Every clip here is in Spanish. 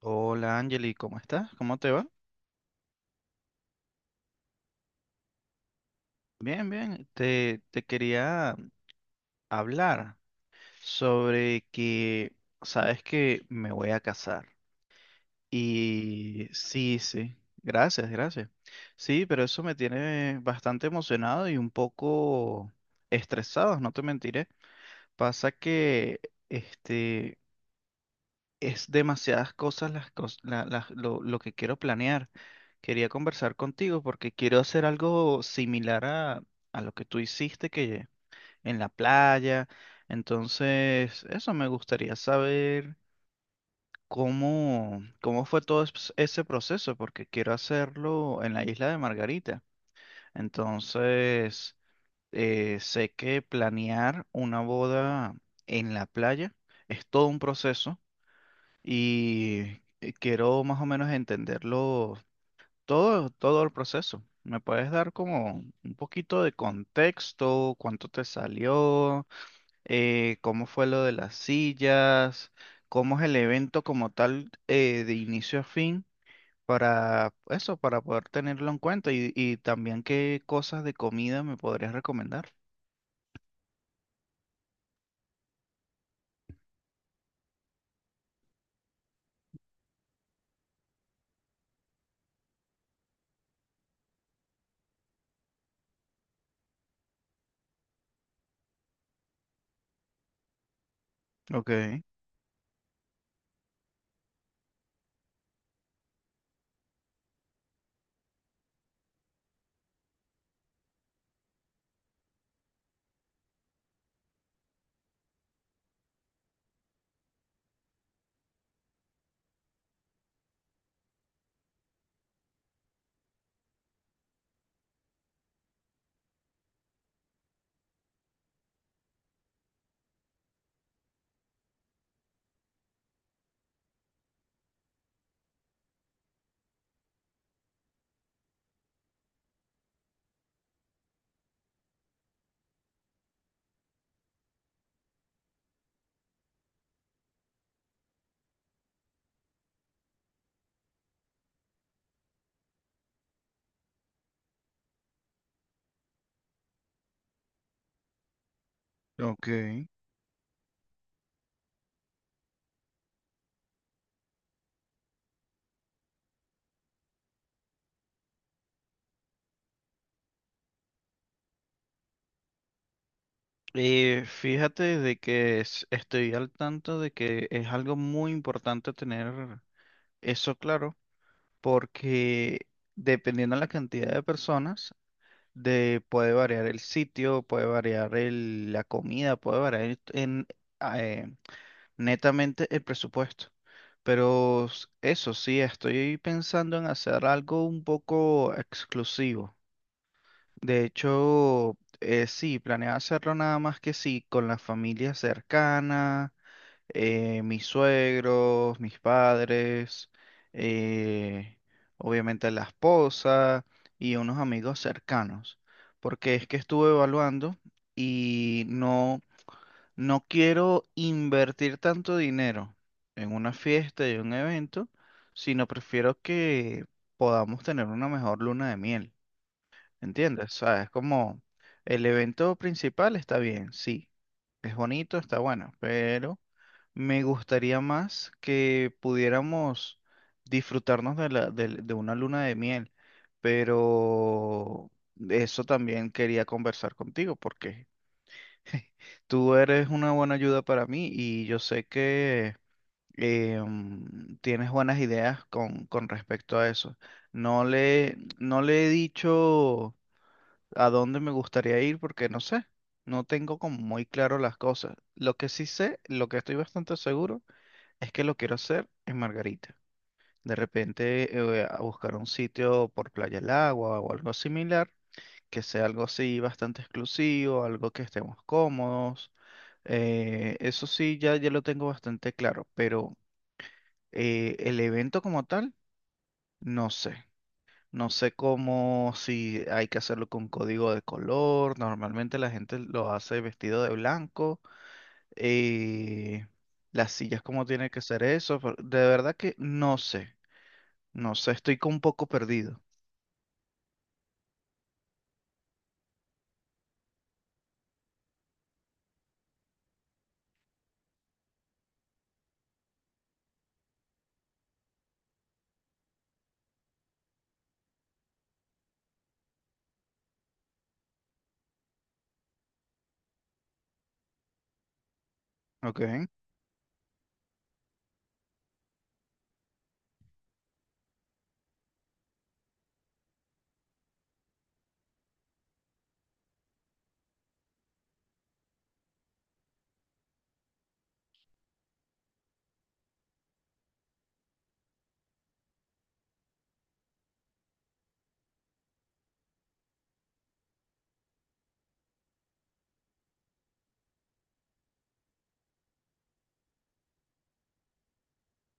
Hola Angeli, ¿cómo estás? ¿Cómo te va? Bien, bien. Te quería hablar sobre que sabes que me voy a casar. Y sí, sí. Gracias, gracias. Sí, pero eso me tiene bastante emocionado y un poco estresado, no te mentiré. Pasa que este es demasiadas cosas las, cos- la- las- lo que quiero planear. Quería conversar contigo porque quiero hacer algo similar a lo que tú hiciste que en la playa. Entonces, eso me gustaría saber cómo fue todo ese proceso, porque quiero hacerlo en la isla de Margarita. Entonces, sé que planear una boda en la playa es todo un proceso y quiero más o menos entenderlo todo el proceso. ¿Me puedes dar como un poquito de contexto? ¿Cuánto te salió? ¿Cómo fue lo de las sillas? ¿Cómo es el evento como tal, de inicio a fin? Para eso, para poder tenerlo en cuenta y también qué cosas de comida me podrías recomendar. Ok, ok. Fíjate de que estoy al tanto de que es algo muy importante tener eso claro, porque dependiendo de la cantidad de personas, de- puede variar el sitio, puede variar el- la comida, puede variar en, eh, netamente el presupuesto. Pero s- eso sí, estoy pensando en hacer algo un poco exclusivo. De hecho, sí, planeaba hacerlo nada más que sí, con la familia cercana, mis suegros, mis padres, eh, obviamente la esposa y unos amigos cercanos. Porque es que estuve evaluando y no, no quiero invertir tanto dinero en una fiesta y un evento, sino prefiero que podamos tener una mejor luna de miel. ¿Entiendes? O sea, es como el evento principal está bien, sí, es bonito, está bueno, pero me gustaría más que pudiéramos disfrutarnos de la, del- de una luna de miel, pero eso también quería conversar contigo porque tú eres una buena ayuda para mí y yo sé que tienes buenas ideas con respecto a eso. No le he dicho a dónde me gustaría ir porque no sé, no tengo como muy claro las cosas. Lo que sí sé, lo que estoy bastante seguro, es que lo quiero hacer en Margarita. De repente a buscar un sitio por Playa el Agua o algo similar, que sea algo así bastante exclusivo, algo que estemos cómodos. Eso sí, ya lo tengo bastante claro, pero el evento como tal, no sé. No sé cómo, si hay que hacerlo con código de color. Normalmente la gente lo hace vestido de blanco. eh, las sillas, cómo tiene que ser eso. Pero de verdad que no sé. No sé, estoy con un poco perdido. Ok.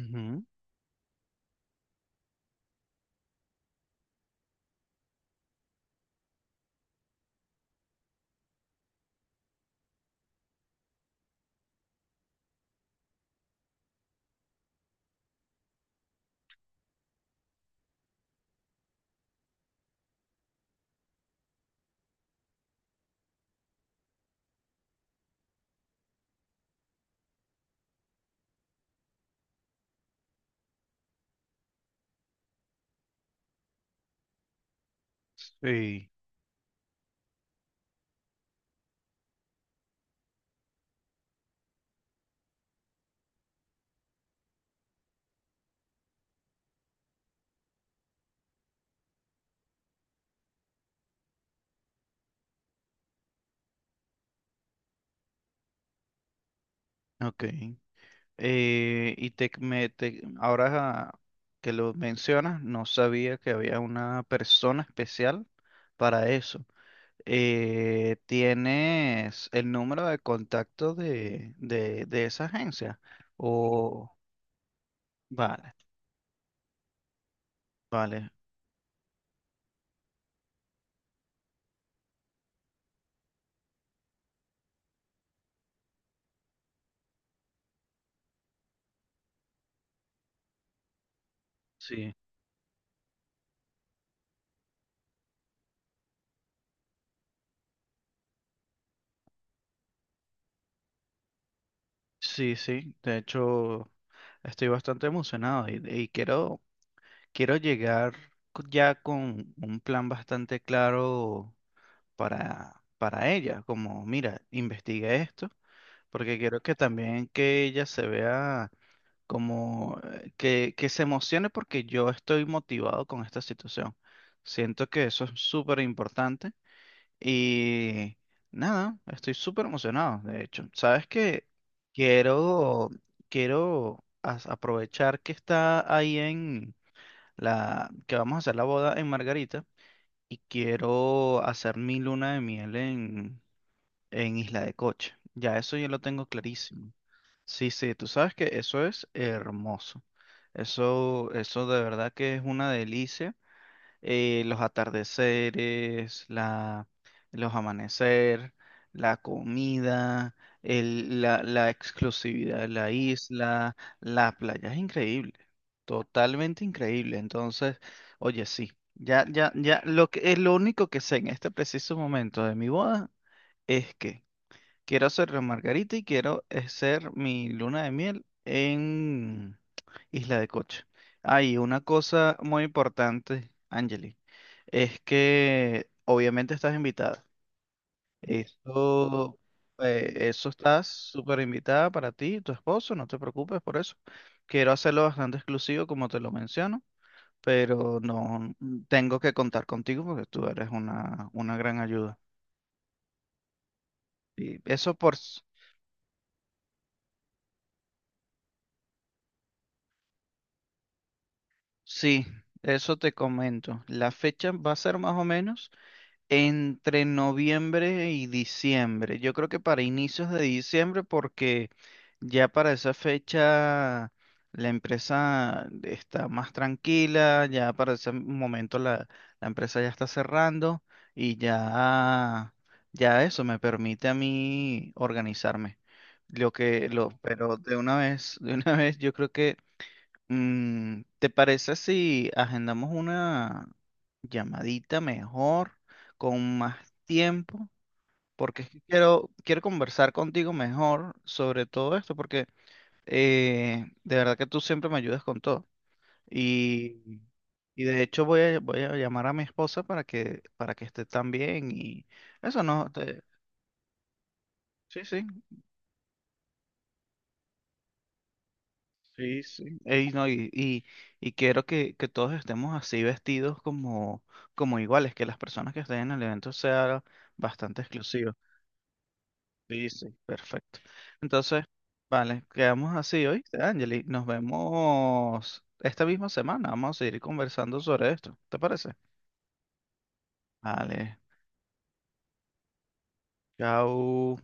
Ujú. Sí. Ok. Ahora que lo mencionas, no sabía que había una persona especial para eso. ¿Tienes el número de contacto de esa agencia? O, vale, vale, sí, sí, sí. De hecho, estoy bastante emocionado y quiero, llegar ya con un plan bastante claro para ella. Como, mira, investiga esto, porque quiero que también que ella se vea como que se emocione porque yo estoy motivado con esta situación. Siento que eso es súper importante y nada, estoy súper emocionado, de hecho. Sabes que quiero, aprovechar que está ahí en que vamos a hacer la boda en Margarita y quiero hacer mi luna de miel en Isla de Coche. Ya eso yo lo tengo clarísimo. Sí, sí, tú sabes que eso es hermoso. Eso de verdad que es una delicia. Los atardeceres, la, los amanecer, la comida, el- la exclusividad de la isla, la playa es increíble, totalmente increíble. Entonces, oye, sí, ya, lo que, lo único que sé en este preciso momento de mi boda es que quiero hacer la Margarita y quiero hacer mi luna de miel en Isla de Coche. Hay una cosa muy importante, Angeli, es que obviamente estás invitada. Eso, eso estás súper invitada para ti y tu esposo, no te preocupes por eso. Quiero hacerlo bastante exclusivo, como te lo menciono, pero no tengo que contar contigo porque tú eres una gran ayuda. Y eso por, sí, eso te comento. La fecha va a ser más o menos entre noviembre y diciembre. Yo creo que para inicios de diciembre, porque ya para esa fecha la empresa está más tranquila, ya para ese momento la, la empresa ya está cerrando y ya, ya eso me permite a mí organizarme. Lo que, lo, pero de una vez, de una vez, yo creo que ¿te parece si agendamos una llamadita mejor, con más tiempo? Porque es que quiero, quiero conversar contigo mejor sobre todo esto, porque de verdad que tú siempre me ayudas con todo. Y, y de hecho voy a, voy a llamar a mi esposa para que esté también y eso no, te- sí, sí, sí, sí. Ey, no, y quiero que todos estemos así vestidos como, como iguales, que las personas que estén en el evento sean bastante exclusivas. Sí, sí, perfecto. Entonces, vale, quedamos así hoy, Angeli. Nos vemos esta misma semana. Vamos a seguir conversando sobre esto. ¿Te parece? Vale, chao.